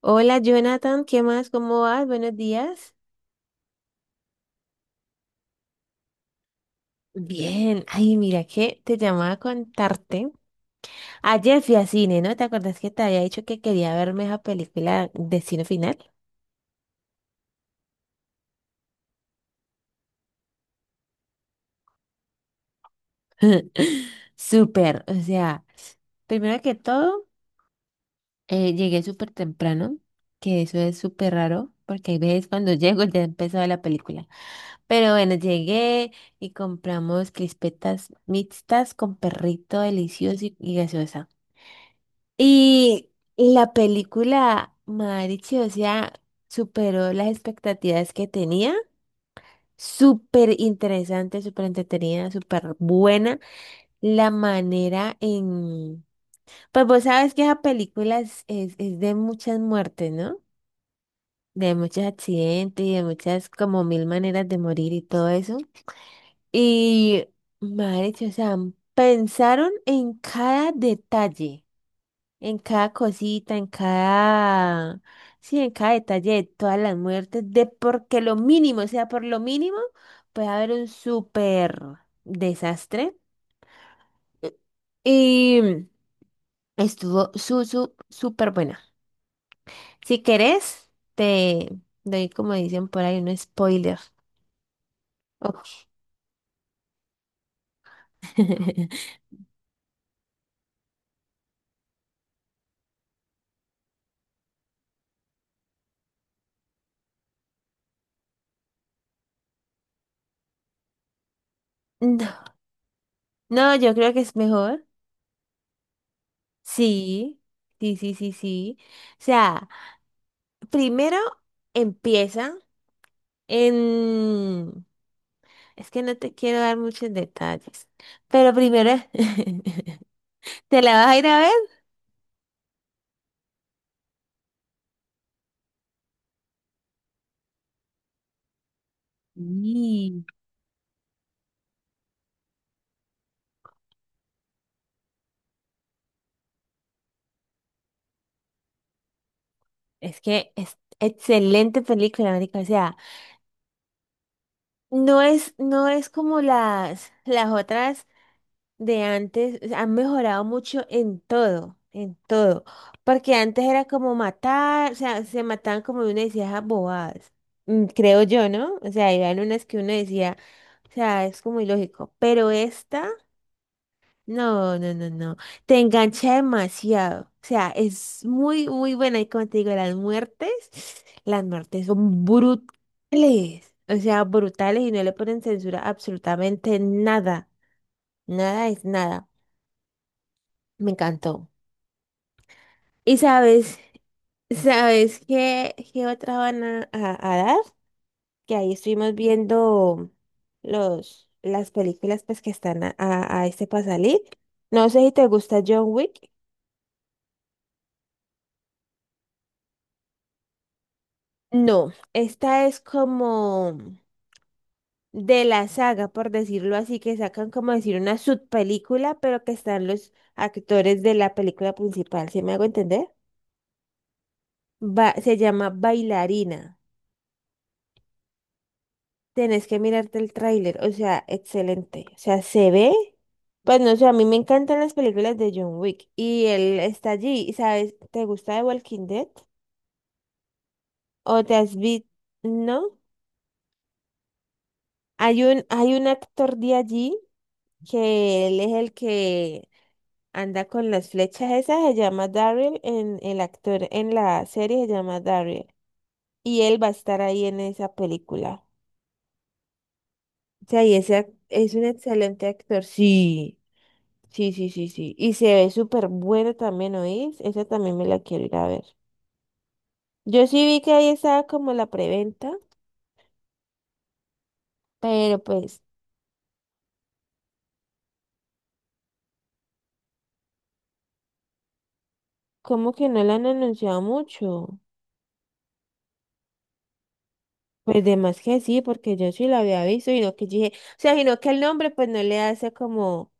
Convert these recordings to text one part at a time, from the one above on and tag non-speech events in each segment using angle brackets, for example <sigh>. Hola Jonathan, ¿qué más? ¿Cómo vas? Buenos días. Bien, ay, mira que te llamaba a contarte. Ayer fui a cine, ¿no? ¿Te acuerdas que te había dicho que quería verme esa película Destino Final? <laughs> Súper, o sea, primero que todo, llegué súper temprano, que eso es súper raro, porque hay veces cuando <laughs> llego ya empezó la película. Pero bueno, llegué y compramos crispetas mixtas con perrito delicioso y gaseosa. Y la película, Marichi, o sea, superó las expectativas que tenía. Súper interesante, súper entretenida, súper buena. La manera en... Pues vos sabes que esa película es de muchas muertes, ¿no? De muchos accidentes y de muchas, como mil maneras de morir y todo eso. Y, Marichi, o sea, pensaron en cada detalle. En cada cosita, en cada, sí, en cada detalle de todas las muertes, de porque lo mínimo, o sea, por lo mínimo, puede haber un súper desastre. Y estuvo súper buena. Si querés, te doy, como dicen por ahí, un spoiler. Ok. <laughs> No, no, yo creo que es mejor. Sí, sí, sí, sí, sí. O sea, primero empieza en... Es que no te quiero dar muchos detalles. Pero primero, <laughs> ¿te la vas a ir a ver? Sí. Es que es excelente película, marica. O sea, no es como las otras de antes. O sea, han mejorado mucho en todo, en todo. Porque antes era como matar, o sea, se mataban como uno decía esas bobadas. Creo yo, ¿no? O sea, eran unas que uno decía, o sea, es como ilógico. Pero esta. No, no, no, no. Te engancha demasiado. O sea, es muy, muy buena. Y como te digo, las muertes son brutales. O sea, brutales y no le ponen censura a absolutamente nada. Nada es nada. Me encantó. Y sabes, ¿sabes qué, qué otra van a dar? Que ahí estuvimos viendo las películas pues, que están a este pasalí. No sé si te gusta John Wick. No, esta es como de la saga, por decirlo así, que sacan como decir una subpelícula, pero que están los actores de la película principal. ¿Sí me hago entender? Va, se llama Bailarina. Tenés que mirarte el tráiler, o sea, excelente. O sea, se ve. Pues no sé, a mí me encantan las películas de John Wick y él está allí, y ¿sabes? ¿Te gusta The Walking Dead? ¿O te has visto? ¿No? Hay un actor de allí que él es el que anda con las flechas esas, se llama Daryl, en el actor en la serie se llama Daryl. Y él va a estar ahí en esa película. O sea, y es un excelente actor. Sí, sí, sí, sí, sí. Y se ve súper bueno también, ¿oís? Esa también me la quiero ir a ver. Yo sí vi que ahí estaba como la preventa, pero pues, como que no la han anunciado mucho. Pues de más que sí, porque yo sí la había visto, y no que yo dije, o sea, sino que el nombre pues no le hace como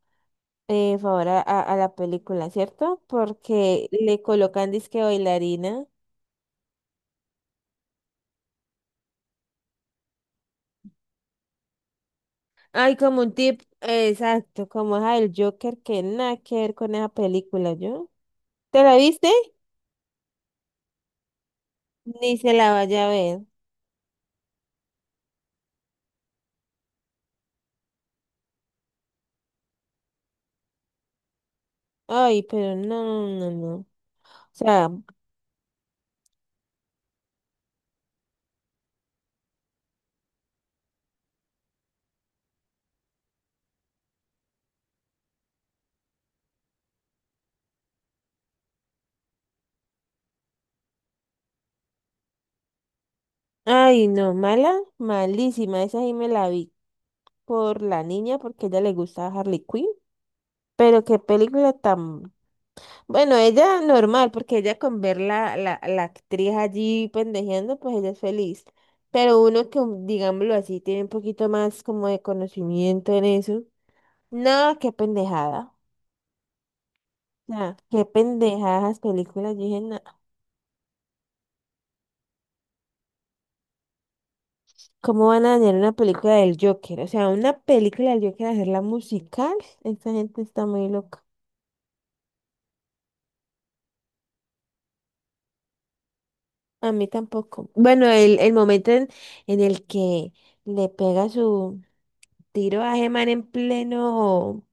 favor a la película, ¿cierto? Porque le colocan disque bailarina. Ay, como un tip, exacto, como es el Joker, que nada que ver con esa película, ¿yo? ¿Te la viste? Ni se la vaya a ver. Ay, pero no, no, no, no. O sea, ay, no, mala, malísima. Esa sí me la vi por la niña porque a ella le gustaba Harley Quinn. Pero qué película tan. Bueno, ella normal, porque ella con ver la actriz allí pendejeando, pues ella es feliz. Pero uno que, digámoslo así, tiene un poquito más como de conocimiento en eso. No, qué pendejada. No, qué pendejadas películas. Yo dije, no, ¿cómo van a dañar una película del Joker? O sea, una película del Joker, hacerla musical. Esta gente está muy loca. A mí tampoco. Bueno, el momento en el que le pega su tiro a Gemma en pleno.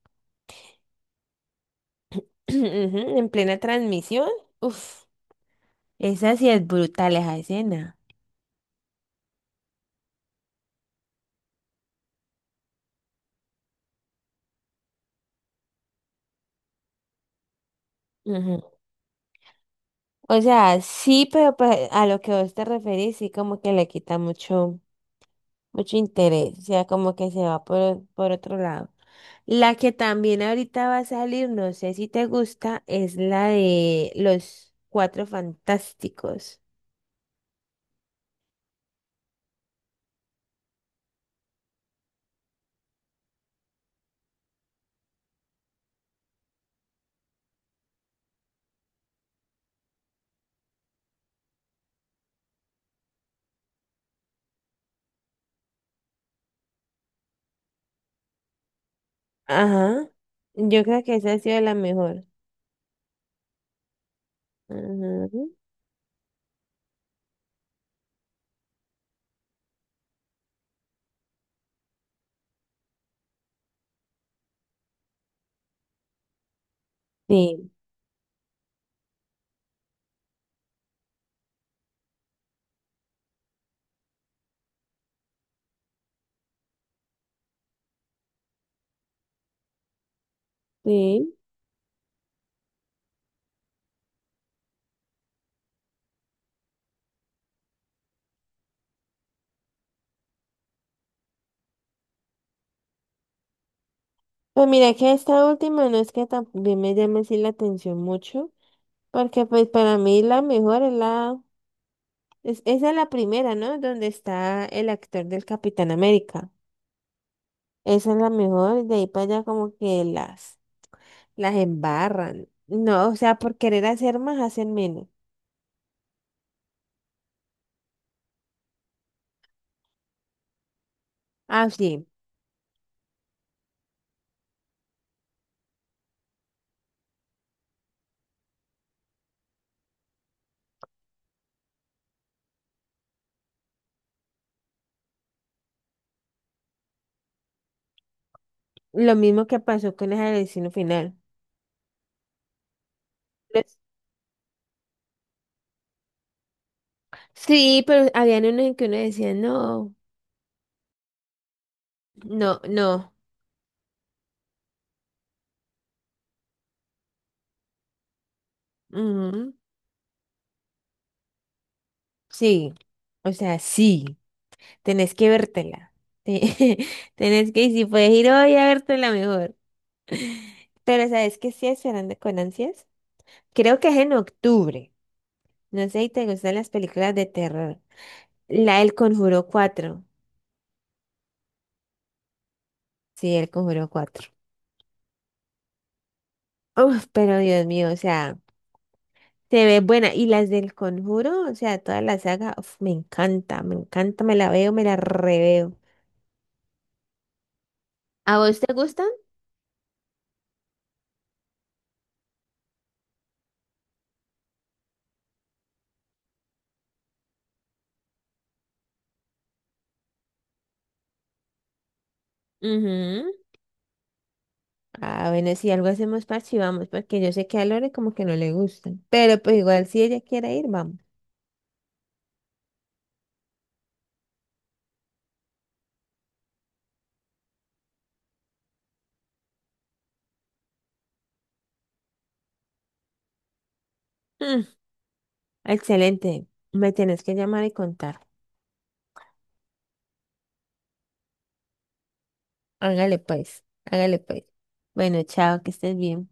<clears throat> Ujú, en plena transmisión. Uf. Esa sí es brutal, esa escena. Ujú. O sea, sí, pero pues, a lo que vos te referís, sí como que le quita mucho, mucho interés. O sea, como que se va por otro lado. La que también ahorita va a salir, no sé si te gusta, es la de los Cuatro Fantásticos. Ajá. Yo creo que esa ha sido la mejor. Ajá. Sí, sí. Pues mira que esta última no es que también me llame así la atención mucho, porque pues para mí la mejor es es, esa es la primera, ¿no? Donde está el actor del Capitán América. Esa es la mejor, y de ahí para allá como que las embarran. No, o sea, por querer hacer más, hacen menos. Ah, sí, lo mismo que pasó con el destino final. Pues, sí, pero habían unos en que uno decía, no, no, no, ujú, sí, o sea, sí. Tenés que vértela. Te- <laughs> Tenés que, y si puedes ir hoy a vértela mejor. <laughs> Pero ¿sabes qué estoy esperando con ansias? Creo que es en octubre. No sé si te gustan las películas de terror. La del Conjuro cuatro. Sí, el Conjuro cuatro. Uf, pero Dios mío, o sea, se ve buena. Y las del Conjuro, o sea, toda la saga, uf, me encanta, me encanta, me la veo, me la reveo. ¿A vos te gustan? Ujú. Ah, bueno, si algo hacemos parche, vamos, porque yo sé que a Lore como que no le gusta. Pero pues igual si ella quiere ir, vamos. Mm, excelente. Me tienes que llamar y contar. Hágale pues, hágale pues. Bueno, chao, que estés bien.